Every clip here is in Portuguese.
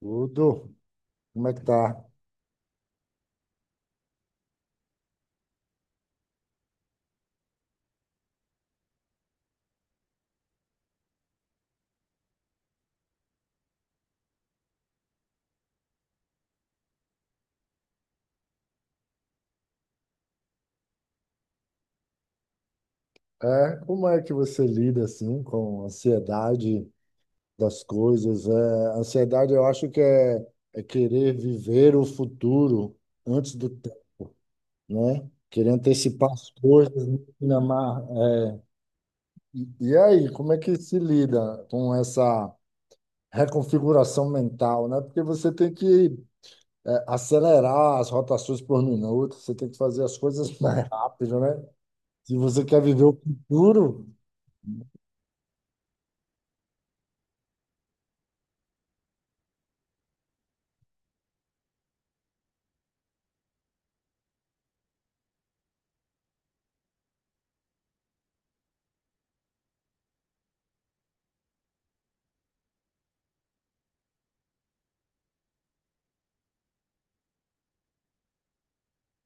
Tudo, como é que tá? Como é que você lida assim com a ansiedade das coisas? A ansiedade eu acho que é querer viver o futuro antes do tempo, né? Querer antecipar as coisas, né? Mas e aí, como é que se lida com essa reconfiguração mental, né? Porque você tem que acelerar as rotações por minuto, você tem que fazer as coisas mais rápido, né? Se você quer viver o futuro,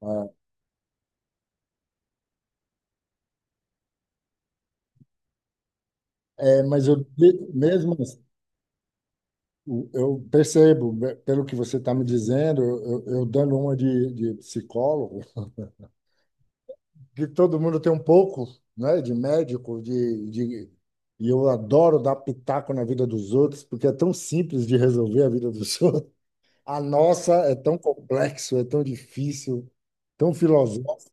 é, mas eu mesmo assim, eu percebo, né, pelo que você está me dizendo, eu dando uma de psicólogo, que todo mundo tem um pouco, né, de médico, de e eu adoro dar pitaco na vida dos outros, porque é tão simples de resolver a vida dos outros. A nossa é tão complexo, é tão difícil, tão filosófico.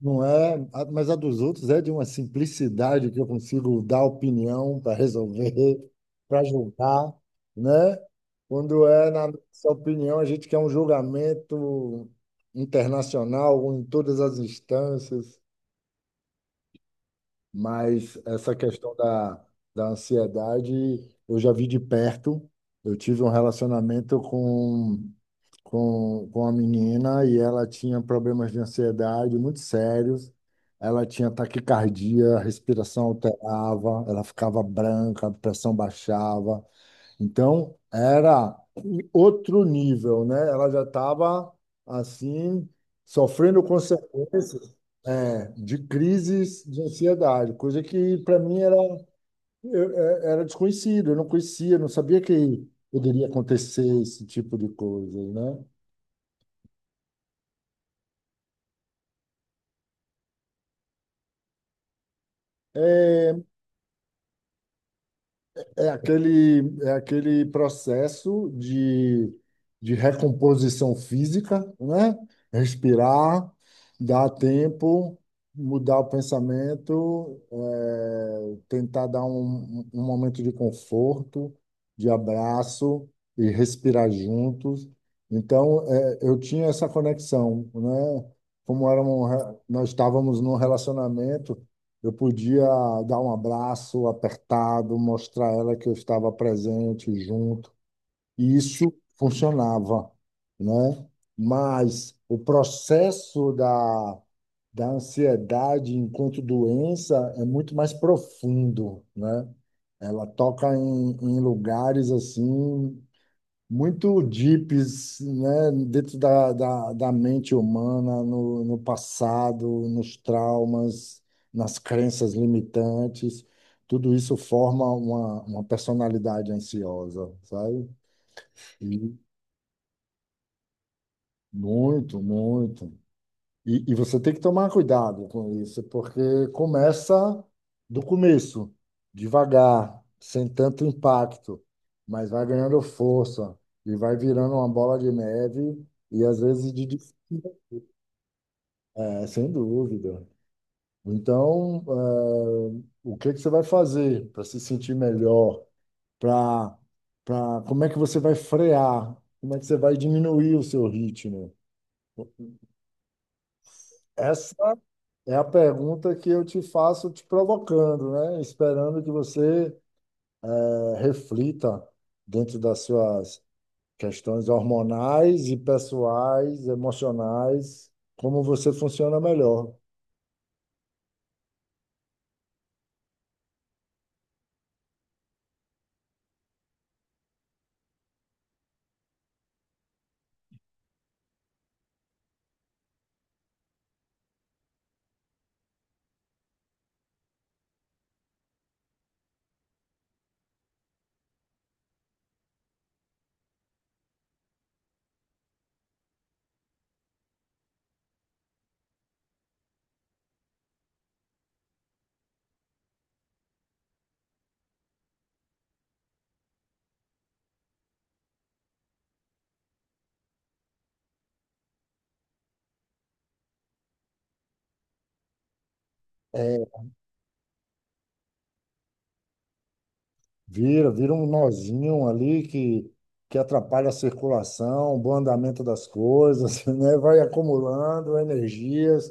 Não é, mas a dos outros é de uma simplicidade que eu consigo dar opinião para resolver, para julgar, né? Quando é na nossa opinião, a gente quer um julgamento internacional ou em todas as instâncias, mas essa questão da ansiedade eu já vi de perto. Eu tive um relacionamento com a menina e ela tinha problemas de ansiedade muito sérios. Ela tinha taquicardia, a respiração alterava, ela ficava branca, a pressão baixava. Então, era outro nível, né? Ela já estava, assim, sofrendo consequências, é, de crises de ansiedade, coisa que para mim era, era desconhecido, eu não conhecia, não sabia que poderia acontecer esse tipo de coisa, né? É, é aquele processo de recomposição física, né? Respirar, dar tempo, mudar o pensamento, é, tentar dar um momento de conforto, de abraço e respirar juntos. Então, é, eu tinha essa conexão, né? Como era um nós estávamos num relacionamento. Eu podia dar um abraço apertado, mostrar a ela que eu estava presente, junto. E isso funcionava, né? Mas o processo da ansiedade enquanto doença é muito mais profundo, né? Ela toca em lugares assim muito deeps, né, dentro da mente humana, no passado, nos traumas, nas crenças limitantes. Tudo isso forma uma personalidade ansiosa, sabe? E muito, muito. E você tem que tomar cuidado com isso, porque começa do começo, devagar, sem tanto impacto, mas vai ganhando força e vai virando uma bola de neve e às vezes é, sem dúvida. Então, o que que você vai fazer para se sentir melhor? Para, Como é que você vai frear? Como é que você vai diminuir o seu ritmo? Essa É a pergunta que eu te faço te provocando, né? Esperando que você reflita dentro das suas questões hormonais e pessoais, emocionais, como você funciona melhor. É, vira um nozinho ali que atrapalha a circulação, o bom andamento das coisas, né? Vai acumulando energias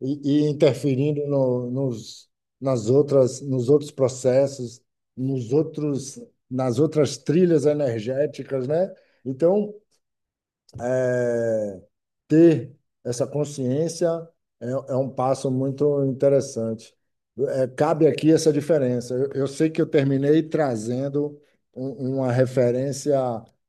e interferindo nos outros processos, nos outros, nas outras trilhas energéticas, né? Então, é, ter essa consciência é um passo muito interessante. É, cabe aqui essa diferença. Eu sei que eu terminei trazendo uma referência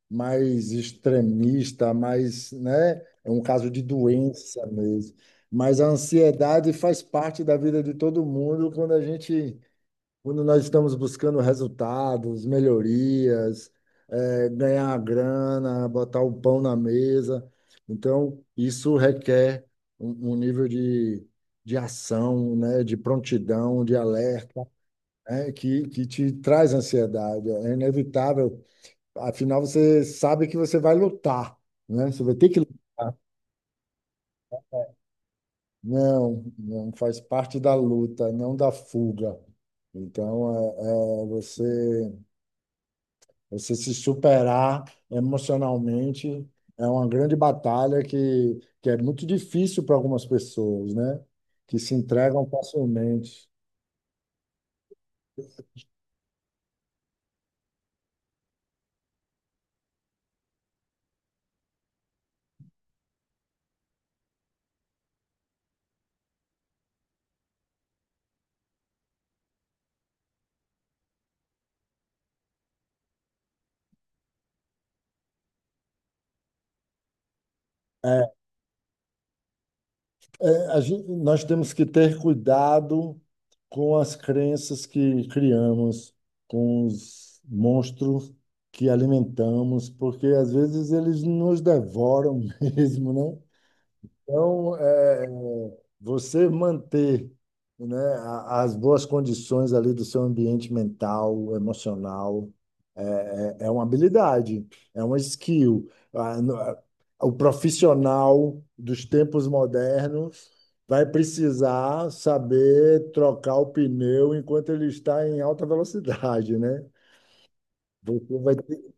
mais extremista, mais, né, é um caso de doença mesmo. Mas a ansiedade faz parte da vida de todo mundo quando a gente quando nós estamos buscando resultados, melhorias, ganhar grana, botar o pão na mesa. Então, isso requer um nível de ação, né, de prontidão, de alerta, né, que te traz ansiedade. É inevitável. Afinal, você sabe que você vai lutar, né? Você vai ter que lutar. Não, não faz parte da luta, não da fuga. Então, você. Você se superar emocionalmente é uma grande batalha que é muito difícil para algumas pessoas, né? Que se entregam facilmente. É, a nós temos que ter cuidado com as crenças que criamos, com os monstros que alimentamos, porque às vezes eles nos devoram mesmo, né? Então, você manter, né, as boas condições ali do seu ambiente mental, emocional, é uma habilidade, é uma skill. O profissional dos tempos modernos vai precisar saber trocar o pneu enquanto ele está em alta velocidade, né? Você vai ter,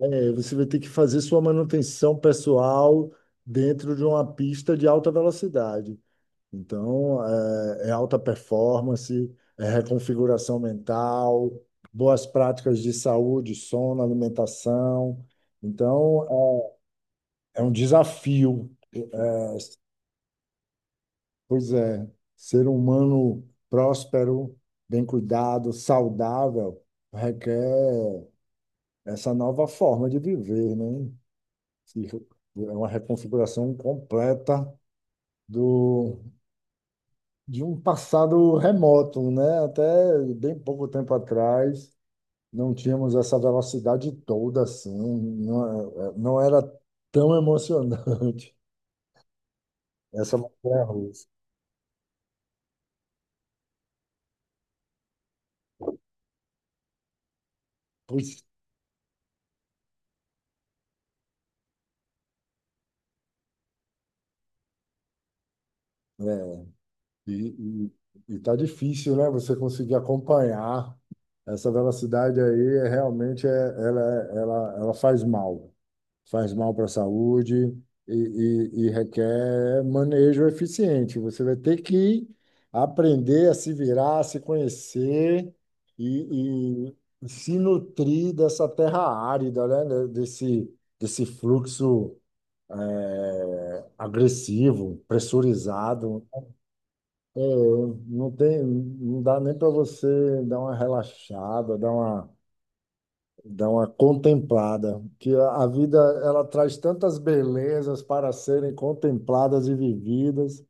Você vai ter que fazer sua manutenção pessoal dentro de uma pista de alta velocidade. Então, é alta performance, é reconfiguração mental, boas práticas de saúde, sono, alimentação. Então, é um desafio. Pois é, ser humano próspero, bem cuidado, saudável, requer essa nova forma de viver, né? Se- É uma reconfiguração completa do, de um passado remoto, né? Até bem pouco tempo atrás não tínhamos essa velocidade toda assim, não, não era tão emocionante essa montanha russa. Pois é, e, e tá difícil, né? Você conseguir acompanhar essa velocidade aí, realmente ela faz mal. Faz mal para a saúde e, e requer manejo eficiente. Você vai ter que aprender a se virar, a se conhecer e, e se nutrir dessa terra árida, né? Desse fluxo agressivo, pressurizado. É, não tem, não dá nem para você dar uma relaxada, dar uma dá uma contemplada, que a vida ela traz tantas belezas para serem contempladas e vividas,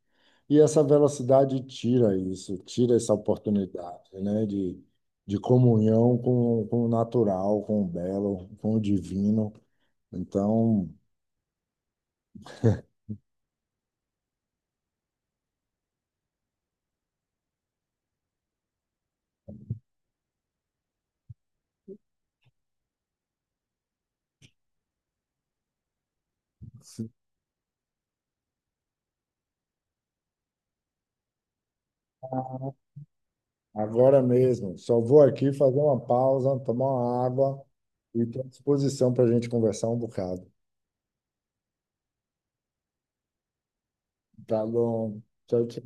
e essa velocidade tira isso, tira essa oportunidade, né, de comunhão com o natural, com o belo, com o divino. Então, agora mesmo, só vou aqui fazer uma pausa, tomar uma água e estou à disposição para a gente conversar um bocado. Tá bom. Tchau, tchau.